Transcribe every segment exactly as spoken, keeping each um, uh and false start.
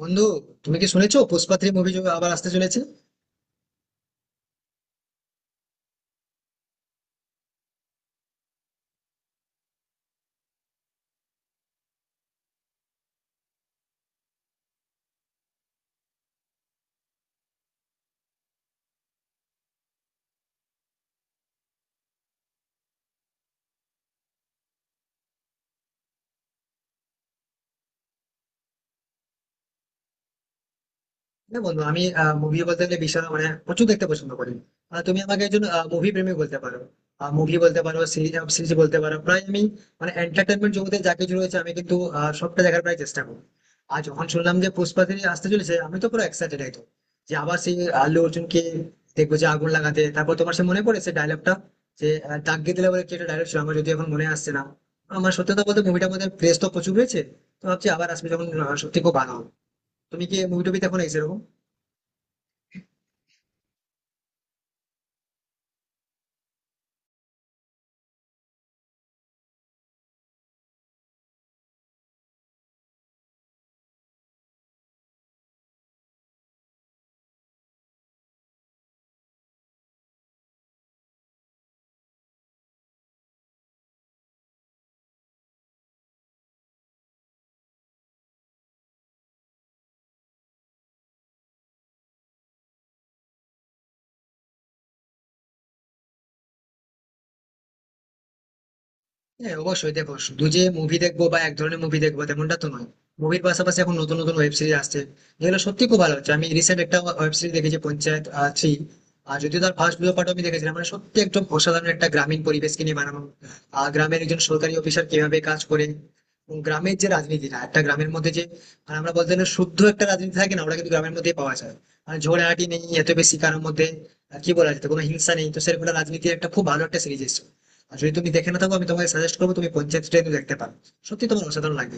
বন্ধু, তুমি কি শুনেছো পুষ্পা থ্রি মুভি আবার আসতে চলেছে? হ্যাঁ বন্ধু, আমি মুভি বলতে গেলে বিশাল মানে প্রচুর দেখতে পছন্দ করি। আহ, তুমি আমাকে একজন মুভি প্রেমিক বলতে পারো। মুভি বলতে পারো, সিরিজ বলতে পারো, প্রায় আমি মানে এন্টারটেনমেন্ট জগতে যা কিছু রয়েছে আমি কিন্তু আহ, সবটা দেখার প্রায় চেষ্টা করি। আর যখন শুনলাম যে পুষ্পা থ্রি আসতে চলেছে, আমি তো পুরো এক্সাইটেড একদম, যে আবার সেই আল্লু অর্জুনকে দেখবো যে আগুন লাগাতে। তারপর তোমার সে মনে পড়ে সে ডায়লগটা, যে আহ, দাগিয়ে দিলে বলে কি একটা ডায়লগ ছিল, আমার যদি এখন মনে আসছে না। আমার সত্যি কথা বলতে মুভিটার মধ্যে ক্রেজ তো প্রচুর রয়েছে। তো ভাবছি আবার আসবে যখন, আহ, সত্যি খুব ভালো হবে। তুমি কি মুভি টুবি দেখো না সেরকম? হ্যাঁ অবশ্যই, দেখো শুধু যে মুভি দেখবো বা এক ধরনের মুভি দেখবো তেমনটা তো নয়। মুভির পাশাপাশি এখন নতুন নতুন ওয়েব সিরিজ আসছে, যেগুলো সত্যি খুব ভালো হচ্ছে। আমি রিসেন্ট একটা ওয়েব সিরিজ দেখেছি, পঞ্চায়েত থ্রি। আর যদিও তার ফার্স্ট দুটো পার্ট আমি দেখেছিলাম, মানে সত্যি একদম অসাধারণ, একটা গ্রামীণ পরিবেশকে নিয়ে বানানো। আর গ্রামের একজন সরকারি অফিসার কিভাবে কাজ করে এবং গ্রামের যে রাজনীতিটা, একটা গ্রামের মধ্যে যে মানে আমরা বলতে গেলে শুদ্ধ একটা রাজনীতি থাকে না, ওটা কিন্তু গ্রামের মধ্যেই পাওয়া যায়। মানে ঝগড়াঝাটি নেই এত বেশি কারোর মধ্যে, আহ, কি বলা যেত, কোনো হিংসা নেই, তো সেরকম একটা রাজনীতির একটা খুব ভালো একটা সিরিজ এসেছে। আর যদি তুমি দেখে না থাকো, আমি তোমাকে সাজেস্ট করবো তুমি পঞ্চায়েত ডে দেখতে পারো, সত্যি তোমার অসাধারণ লাগবে।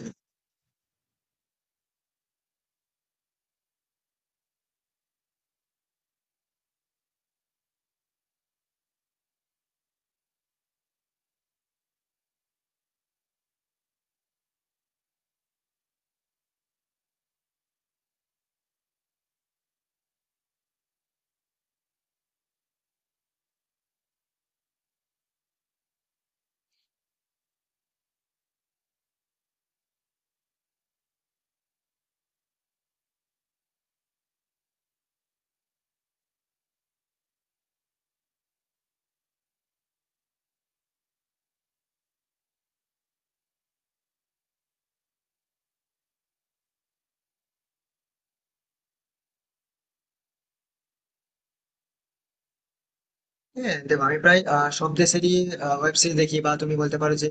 হ্যাঁ দেখো, আমি প্রায় আহ, সব দেশেরই ওয়েব সিরিজ দেখি, বা তুমি বলতে পারো যে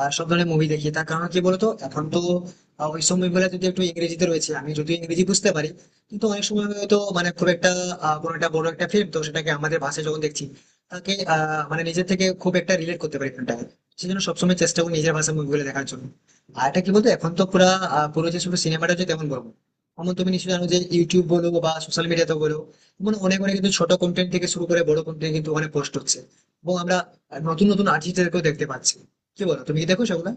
আহ, সব ধরনের মুভি দেখি। তার কারণ কি বলতো, এখন তো আহ, ওই সব মুভিগুলো যদি একটু ইংরেজিতে রয়েছে, আমি যদি ইংরেজি বুঝতে পারি, কিন্তু অনেক সময় হয়তো মানে খুব একটা আহ, কোনো একটা বড় একটা ফিল্ম, তো সেটাকে আমাদের ভাষায় যখন দেখছি তাকে আহ, মানে নিজের থেকে খুব একটা রিলেট করতে পারি ফিল্মটাকে। সেই জন্য সবসময় চেষ্টা করি নিজের ভাষায় মুভিগুলো দেখার জন্য। আর এটা কি বলতো, এখন তো পুরা আহ, পুরো যে শুধু সিনেমাটা হচ্ছে তেমন বলবো, এমন তুমি নিশ্চয়ই জানো যে ইউটিউব বলো বা সোশ্যাল মিডিয়াতে বলো, মানে অনেক অনেক কিন্তু ছোট কন্টেন্ট থেকে শুরু করে বড় কন্টেন্ট কিন্তু ওখানে পোস্ট হচ্ছে, এবং আমরা নতুন নতুন আর্টিস্টদেরকেও দেখতে পাচ্ছি। কি বলো, তুমি কি দেখো সেগুলো?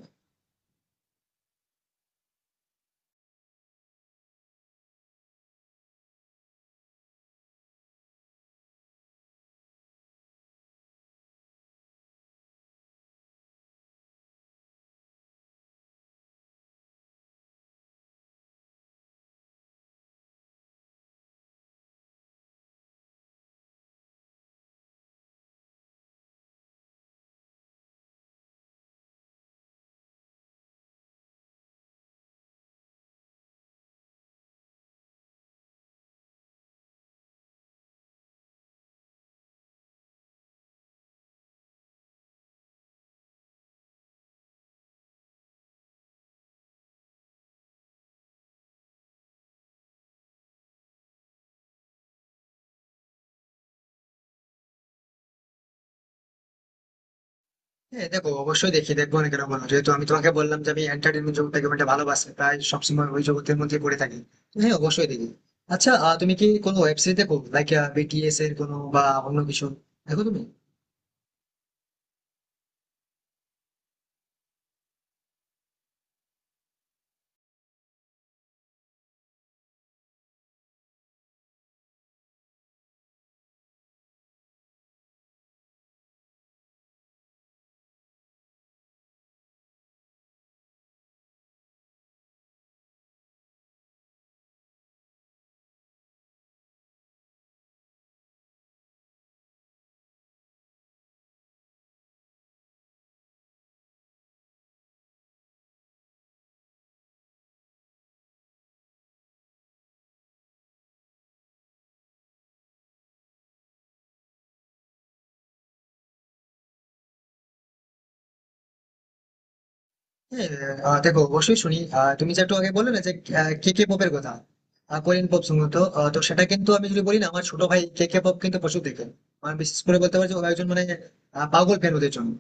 হ্যাঁ দেখো, অবশ্যই দেখি, দেখবো না কেন বলো, যেহেতু আমি তোমাকে বললাম যে আমি এন্টারটেনমেন্ট জগৎটাকে অনেকটা ভালোবাসি, প্রায় সবসময় ওই জগতের মধ্যে পড়ে থাকি। তো হ্যাঁ অবশ্যই দেখি। আচ্ছা, আহ, তুমি কি কোনো ওয়েব সিরিজ দেখো, লাইক বিটিএস এর কোনো বা অন্য কিছু দেখো তুমি? হ্যাঁ, আহ, দেখো অবশ্যই শুনি। আহ, তুমি যে একটু আগে বললে না যে কে কে পপের কথা, কোরিয়ান পপ সম্ভবত। আহ, তো সেটা কিন্তু আমি যদি বলি না আমার ছোট ভাই কে কে পপ কিন্তু প্রচুর দেখেন। আমার বিশেষ করে বলতে পারি যে ও একজন মানে আহ, পাগল ফ্যান ওদের জন্য।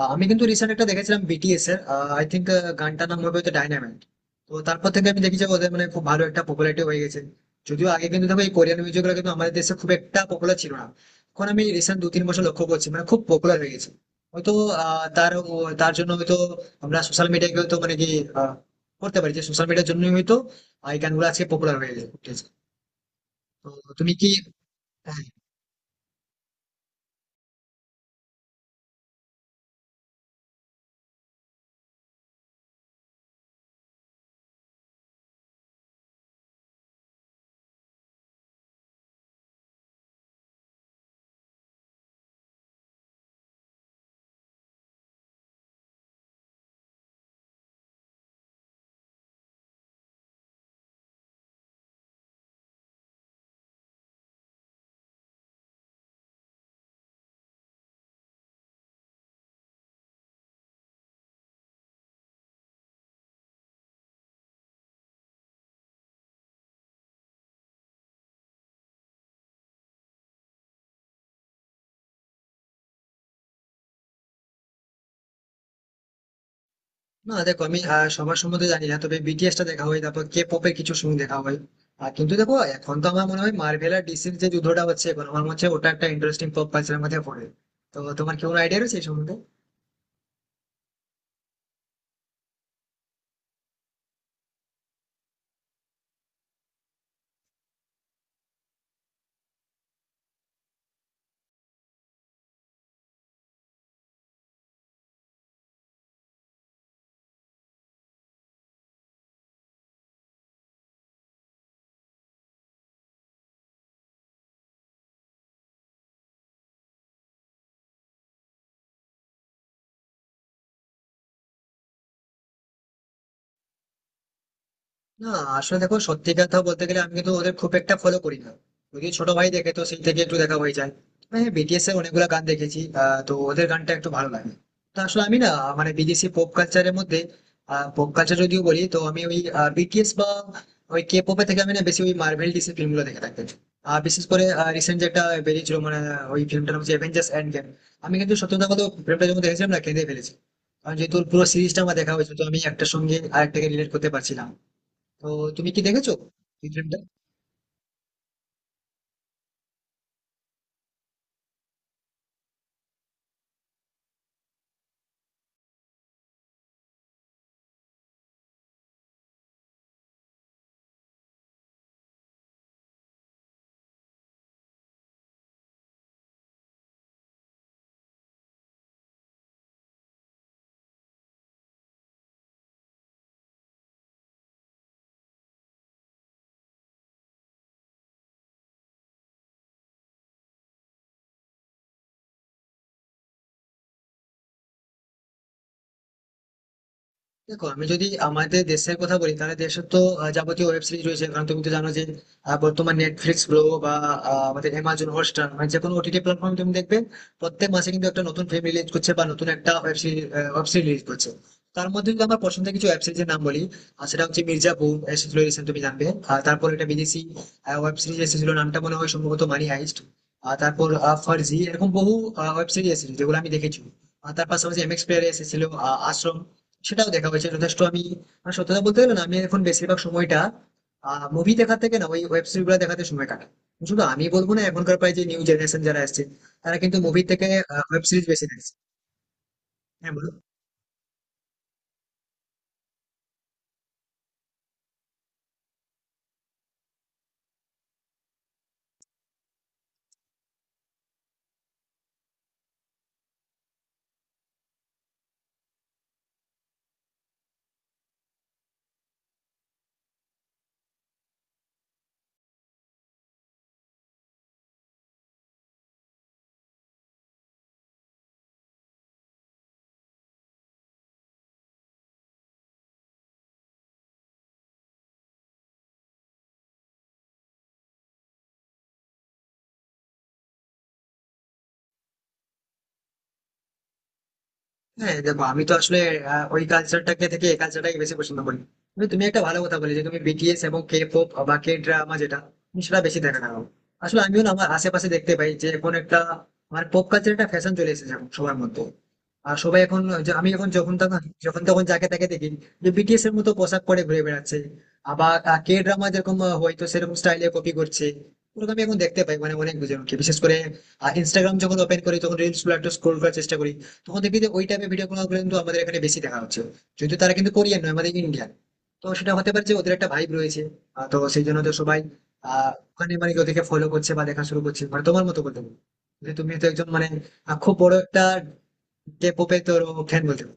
আহ, আমি কিন্তু রিসেন্ট একটা দেখেছিলাম বিটিএস এর, আই থিঙ্ক গানটার নাম হবে হয়তো ডাইনামাইট। তো তারপর থেকে আমি দেখি যে ওদের মানে খুব ভালো একটা পপুলারিটি হয়ে গেছে। যদিও আগে কিন্তু দেখো, এই কোরিয়ান মিউজিক গুলো কিন্তু আমাদের দেশে খুব একটা পপুলার ছিল না, এখন আমি রিসেন্ট দু তিন বছর লক্ষ্য করছি মানে খুব পপুলার হয়ে গেছে। হয়তো আহ, তার ও- তার জন্য হয়তো আমরা সোশ্যাল মিডিয়াকে হয়তো মানে কি আহ, করতে পারি যে সোশ্যাল মিডিয়ার জন্যই হয়তো আহ, এই গানগুলো আজকে পপুলার হয়ে উঠেছে। তো তুমি কি? হ্যাঁ, না দেখো, আমি আহ, সবার সম্বন্ধে জানি না, তবে বিটিএস টা দেখা হয়, তারপর কে পপের কিছু সং দেখা হয়। আর কিন্তু দেখো, এখন তো আমার মনে হয় মার্ভেল আর ডিসির যে যুদ্ধটা হচ্ছে, এখন আমার মনে হচ্ছে ওটা একটা ইন্টারেস্টিং পপ কালচারের মধ্যে পড়ে। তো তোমার কি কোনো আইডিয়া রয়েছে এই সম্বন্ধে? না, আসলে দেখো সত্যি কথা বলতে গেলে আমি কিন্তু ওদের খুব একটা ফলো করি না। যদি ছোট ভাই দেখে তো সেই থেকে একটু দেখা হয়ে যায়, মানে বিটিএস এর অনেকগুলো গান দেখেছি, আহ, তো ওদের গানটা একটু ভালো লাগে। তো আসলে আমি না মানে বিদেশি পপ কালচারের মধ্যে, পপ কালচার যদিও বলি তো আমি ওই বিটিএস বা ওই কে পপে থেকে আমি না বেশি ওই মার্ভেল ডিসি ফিল্মগুলো দেখে থাকি। আর বিশেষ করে রিসেন্ট যেটা বেরিয়েছিল মানে ওই ফিল্মটার নাম হচ্ছে অ্যাভেঞ্জার্স এন্ড গেম। আমি কিন্তু সত্যি কথা বলতে, ফিল্মটা যখন দেখেছিলাম না কেঁদে ফেলেছি, কারণ যেহেতু ওর পুরো সিরিজটা আমার দেখা হয়েছে তো আমি একটা সঙ্গে আরেকটাকে রিলেট করতে পারছিলাম। তো তুমি কি দেখেছো এই ফিল্মটা? দেখো, আমি যদি আমাদের দেশের কথা বলি তাহলে দেশের তো আহ, যাবতীয় ওয়েব সিরিজ রয়েছে, কারণ তুমি তো জানো যে আহ, বর্তমান নেটফ্লিক্স বলো বা আহ, আমাদের অ্যামাজন হটস্টার মানে যে কোনো ওটিটি প্ল্যাটফর্ম তুমি দেখবে, প্রত্যেক মাসে কিন্তু একটা নতুন ফিল্ম রিলিজ করছে বা নতুন একটা web series web series release করছে। তার মধ্যে যদি আমার পছন্দের কিছু ওয়েব সিরিজের নাম বলি, আহ, সেটা হচ্ছে মির্জাপুর, এসেছিল রিসেন্ট তুমি জানবে। আর তারপর একটা বিদেশি ওয়েব সিরিজ এসেছিল, নামটা মনে হয় সম্ভবত মানি হাইস্ট। আর তারপর আহ, ফার্জি, এরকম বহু ওয়েব সিরিজ এসেছিল যেগুলো আমি দেখেছি। আর তার পাশাপাশি এমএক্স প্লেয়ারে এসেছিল আহ, আশ্রম, সেটাও দেখা হয়েছে যথেষ্ট। আমি মানে সত্যি কথা বলতে গেলে না আমি এখন বেশিরভাগ সময়টা মুভি দেখার থেকে না ওই ওয়েব সিরিজ গুলো দেখাতে সময় কাটাই। শুধু আমি বলবো না, এখনকার প্রায় যে নিউ জেনারেশন যারা আসছে তারা কিন্তু মুভি থেকে ওয়েব সিরিজ বেশি দেখছে। হ্যাঁ বলো। হ্যাঁ দেখো, আমি তো আসলে আহ, ওই কালচারটাকে থেকে এই কালচারটাকে বেশি পছন্দ করি, কিন্তু তুমি একটা ভালো কথা বলে যে তুমি বিটিএস এবং কে পপ বা কে ড্রামা যেটা, তুমি সেটা বেশি দেখা থাকো। আসলে আমিও না, আমার আশেপাশে দেখতে পাই যে এখন একটা আমার পপ কালচার একটা ফ্যাশন চলে এসেছে এখন সবার মধ্যে, আর সবাই এখন যে- আমি এখন যখন তখন যখন তখন যাকে তাকে দেখি যে বিটিএস এর মতো পোশাক পরে ঘুরে বেড়াচ্ছে। আবার কে ড্রামা যেরকম, আহ, হয়তো সেরকম স্টাইলে কপি করছে, ওরকম আমি এখন দেখতে পাই মানে অনেক জন, বিশেষ করে ইনস্টাগ্রাম যখন ওপেন করি তখন রিলস গুলো একটু স্ক্রোল করার চেষ্টা করি, তখন দেখবি যে ওই টাইপের ভিডিও গুলো কিন্তু আমাদের এখানে বেশি দেখা হচ্ছে। যদিও তারা কিন্তু কোরিয়ান নয়, আমাদের ইন্ডিয়ান। তো সেটা হতে পারে যে ওদের একটা ভাইব রয়েছে, আহ, তো সেই জন্য তো সবাই আহ ওখানে মানে ওদেরকে ফলো করছে বা দেখা শুরু করছে, মানে তোমার মতো বলতে পারো যে তুমি তো একজন মানে আহ, খুব বড় একটা কে পপের তোর ফ্যান বলতে পারো।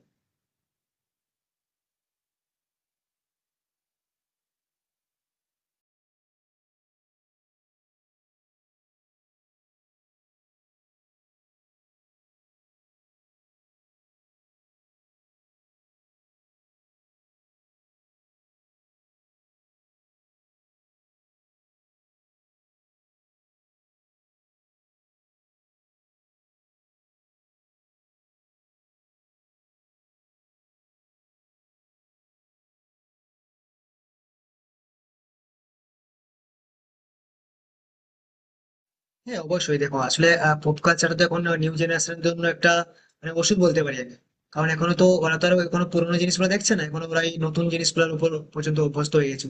হ্যাঁ অবশ্যই, দেখো আসলে পপ কালচারটা তো এখন নিউ জেনারেশনের জন্য একটা মানে ওষুধ বলতে পারি আমি, কারণ এখনো তো ওরা তো আর এখনো পুরোনো জিনিসগুলো দেখছে না, এখন ওরা এই নতুন জিনিসগুলোর উপর পর্যন্ত অভ্যস্ত হয়ে গেছে।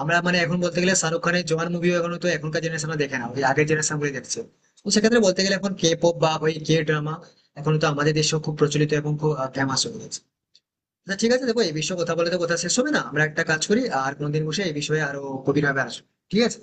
আমরা মানে এখন বলতে গেলে শাহরুখ খানের জওয়ান মুভিও এখন তো এখনকার জেনারেশনরা দেখে না, ওই আগের জেনারেশন গুলো দেখছে। তো সেক্ষেত্রে বলতে গেলে এখন কে পপ বা ওই কে ড্রামা এখন তো আমাদের দেশেও খুব প্রচলিত এবং খুব ফেমাস হয়ে গেছে। আচ্ছা ঠিক আছে, দেখো এই বিষয়ে কথা বলে তো কথা শেষ হবে না, আমরা একটা কাজ করি আর কোনদিন বসে এই বিষয়ে আরো গভীরভাবে আসবো। ঠিক আছে?